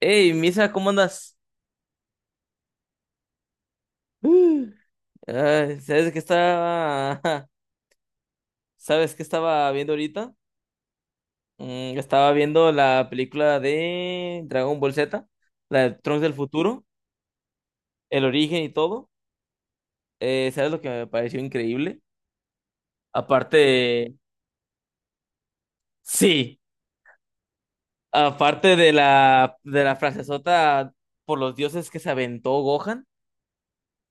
Hey, Misa, ¿cómo andas? Mm. Ay, ¿sabes qué estaba? ¿Sabes qué estaba viendo ahorita? Estaba viendo la película de Dragon Ball Z, la de Trunks del futuro, el origen y todo. ¿Sabes lo que me pareció increíble? Aparte de... Sí, aparte de la frasezota por los dioses que se aventó Gohan,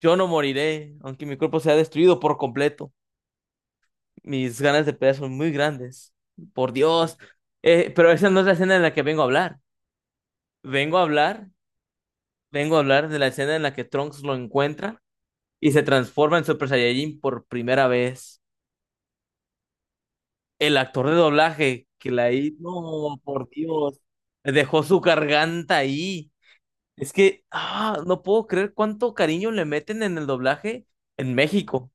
yo no moriré, aunque mi cuerpo sea destruido por completo. Mis ganas de pelear son muy grandes. Por Dios. Pero esa no es la escena en la que vengo a hablar. Vengo a hablar, Vengo a hablar de la escena en la que Trunks lo encuentra y se transforma en Super Saiyajin por primera vez. El actor de doblaje que la hizo no, por Dios, dejó su garganta ahí. Es que, ah, no puedo creer cuánto cariño le meten en el doblaje en México.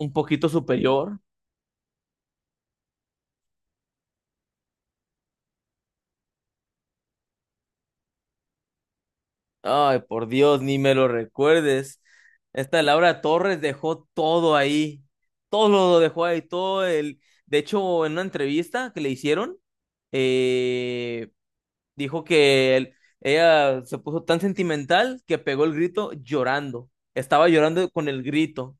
Un poquito superior. Ay, por Dios, ni me lo recuerdes. Esta Laura Torres dejó todo ahí. Todo lo dejó ahí, todo el... De hecho, en una entrevista que le hicieron, eh, dijo que ella se puso tan sentimental que pegó el grito llorando. Estaba llorando con el grito.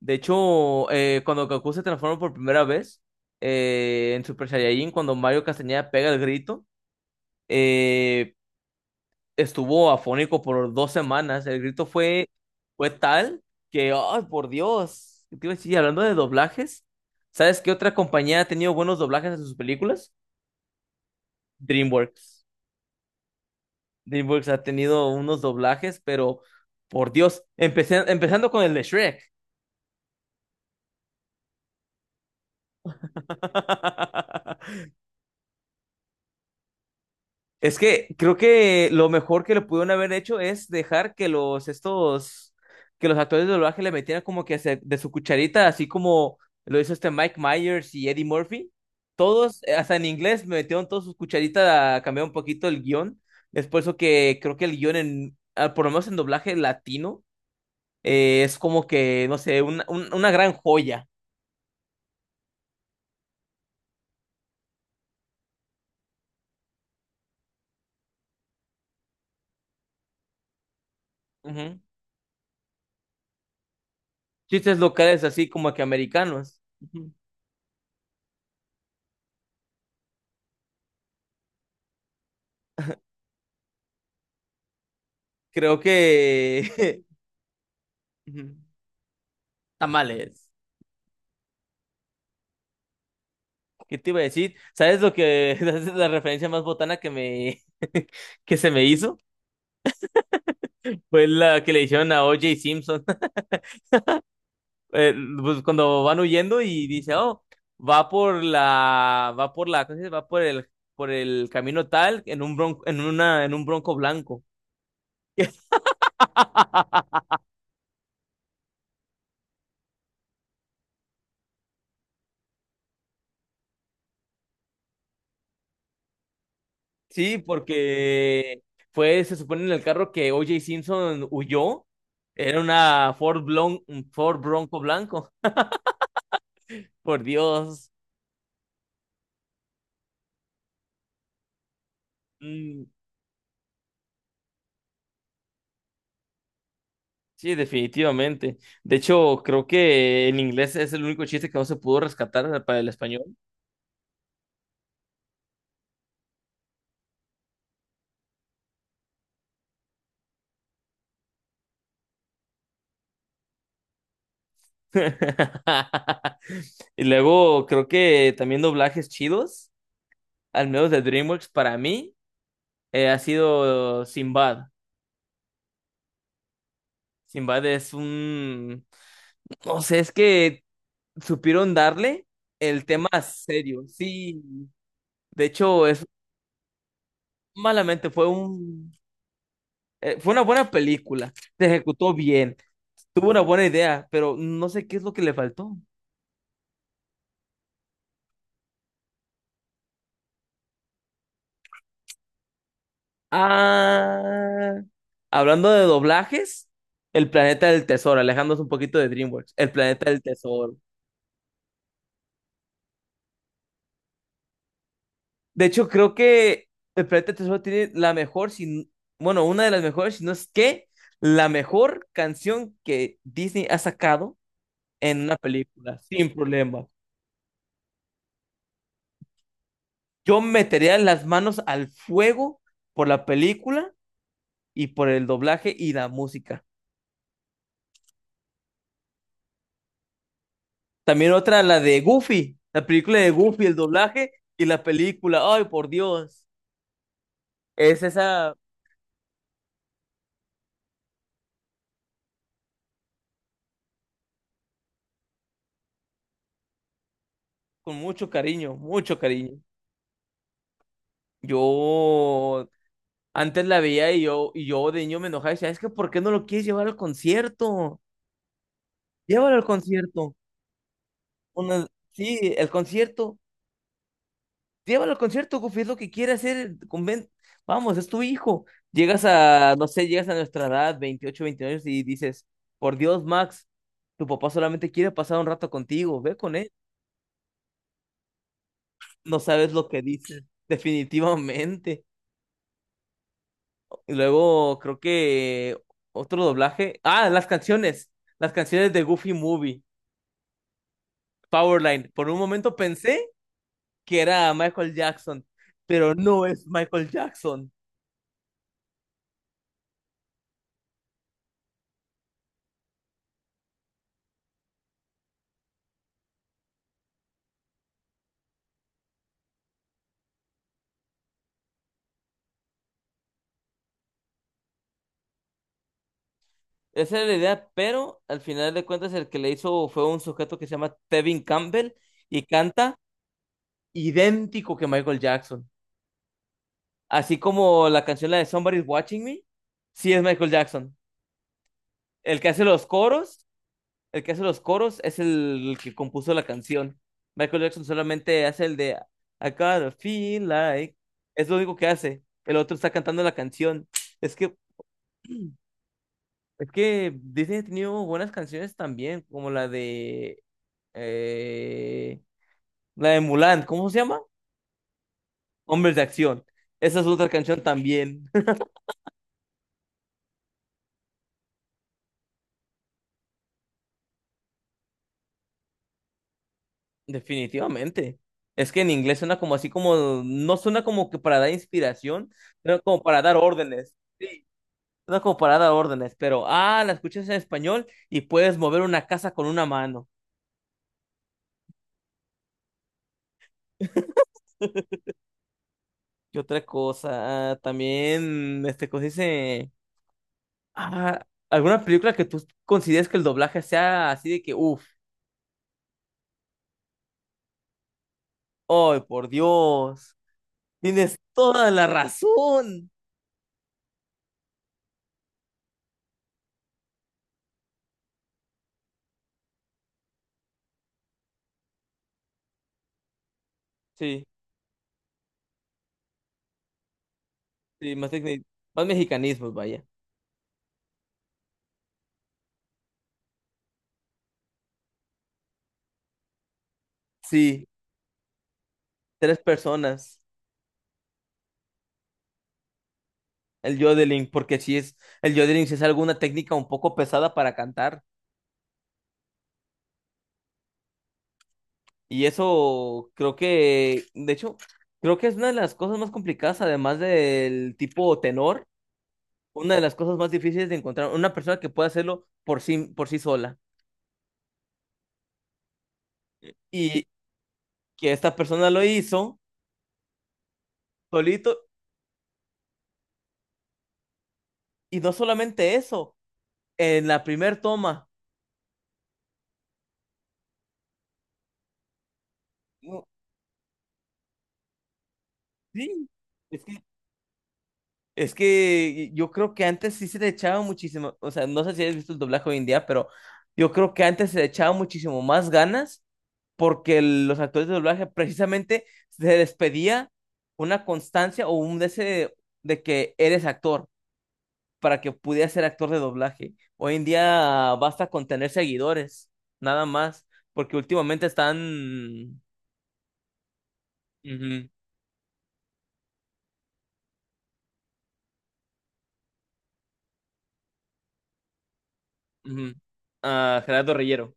De hecho, cuando Goku se transforma por primera vez en Super Saiyajin, cuando Mario Castañeda pega el grito, eh, estuvo afónico por 2 semanas. Fue tal que, ay, por Dios. ¿Qué te iba a decir? Hablando de doblajes, ¿sabes qué otra compañía ha tenido buenos doblajes en sus películas? DreamWorks. DreamWorks ha tenido unos doblajes, pero por Dios, empezando con el de Shrek. Es que creo que lo mejor que le pudieron haber hecho es dejar que los estos que los actores de doblaje le metieran como que de su cucharita, así como lo hizo este Mike Myers y Eddie Murphy. Todos, hasta en inglés, metieron todos sus cucharitas a cambiar un poquito el guión. Es por eso que creo que el guión, en, ah, por lo menos en doblaje latino, es como que, no sé, una gran joya. Ujú. Chistes locales así como que americanos. Ujú. Creo que... Ujú. Tamales. ¿Qué te iba a decir? ¿Sabes lo que es la referencia más botana que me que se me hizo? Fue la que le hicieron a O.J. Simpson. Eh, pues cuando van huyendo y dice, "Oh, va por la ¿cómo se dice? Va por el camino tal en un bronco en una en un bronco blanco." Sí, porque fue se supone en el carro que O.J. Simpson huyó. Era una Ford Bronco blanco. Por Dios. Mm. Sí, definitivamente. De hecho, creo que en inglés es el único chiste que no se pudo rescatar para el español. Y luego, creo que también doblajes chidos, al menos de DreamWorks, para mí, ha sido Sinbad. Sinbad es un... No sé, es que supieron darle el tema serio. Sí, de hecho, es malamente fue un... fue una buena película, se ejecutó bien. Tuvo una buena idea, pero no sé qué es lo que le faltó. Ah, hablando de doblajes, El Planeta del Tesoro, alejándonos un poquito de DreamWorks, El Planeta del Tesoro. De hecho, creo que El Planeta del Tesoro tiene la mejor, bueno, una de las mejores, si no es que la mejor canción que Disney ha sacado en una película, sin problema. Yo metería las manos al fuego por la película y por el doblaje y la música. También otra, la de Goofy, la película de Goofy, el doblaje y la película. Ay, por Dios. Es esa con mucho cariño, mucho cariño. Yo antes la veía y yo de niño me enojaba y decía, es que ¿por qué no lo quieres llevar al concierto? Llévalo al concierto. Una- sí, el concierto. Llévalo al concierto, Goofy, es lo que quiere hacer. Vamos, es tu hijo. Llegas a, no sé, llegas a nuestra edad, 28, 29 años, y dices, por Dios, Max, tu papá solamente quiere pasar un rato contigo, ve con él. No sabes lo que dice, definitivamente. Y luego creo que otro doblaje. Ah, las canciones de Goofy Movie, Powerline. Por un momento pensé que era Michael Jackson, pero no es Michael Jackson. Esa era la idea, pero al final de cuentas el que le hizo fue un sujeto que se llama Tevin Campbell y canta idéntico que Michael Jackson. Así como la canción la de Somebody's Watching Me, sí es Michael Jackson. El que hace los coros, el que hace los coros es el que compuso la canción. Michael Jackson solamente hace el de I gotta feel like. Es lo único que hace. El otro está cantando la canción. Es que Es que Disney ha tenido buenas canciones también, como eh, la de Mulan, ¿cómo se llama? Hombres de Acción. Esa es otra canción también. Definitivamente. Es que en inglés suena como así como, no suena como que para dar inspiración, sino como para dar órdenes. Sí. Suena como para dar órdenes, pero ah, la escuchas en español y puedes mover una casa con una mano. ¿Qué otra cosa? Ah, también, este, cosa dice. Ah, ¿alguna película que tú consideres que el doblaje sea así de que, uff, ay, por Dios, tienes toda la razón? Sí, sí, más, más mexicanismos, vaya. Sí, tres personas. El yodeling, porque sí es, el yodeling sí es alguna técnica un poco pesada para cantar. Y eso creo que, de hecho, creo que es una de las cosas más complicadas, además del tipo tenor, una de las cosas más difíciles de encontrar, una persona que pueda hacerlo por sí sola. Que esta persona lo hizo solito y no solamente eso, en la primer toma. No, sí, es que, es que yo creo que antes sí se le echaba muchísimo, o sea, no sé si has visto el doblaje hoy en día, pero yo creo que antes se le echaba muchísimo más ganas porque los actores de doblaje precisamente se les pedía una constancia o un deseo de que eres actor, para que pudiera ser actor de doblaje. Hoy en día basta con tener seguidores, nada más, porque últimamente están... Ujú, ujú. Ah, Gerardo Rillero.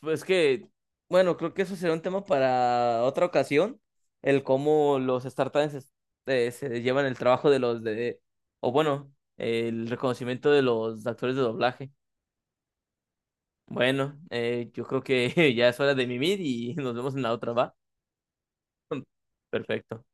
Pues que, bueno, creo que eso será un tema para otra ocasión, el cómo los startups se llevan el trabajo de o bueno, el reconocimiento de los actores de doblaje. Bueno, yo creo que ya es hora de mimir y nos vemos en la otra, ¿va? Perfecto.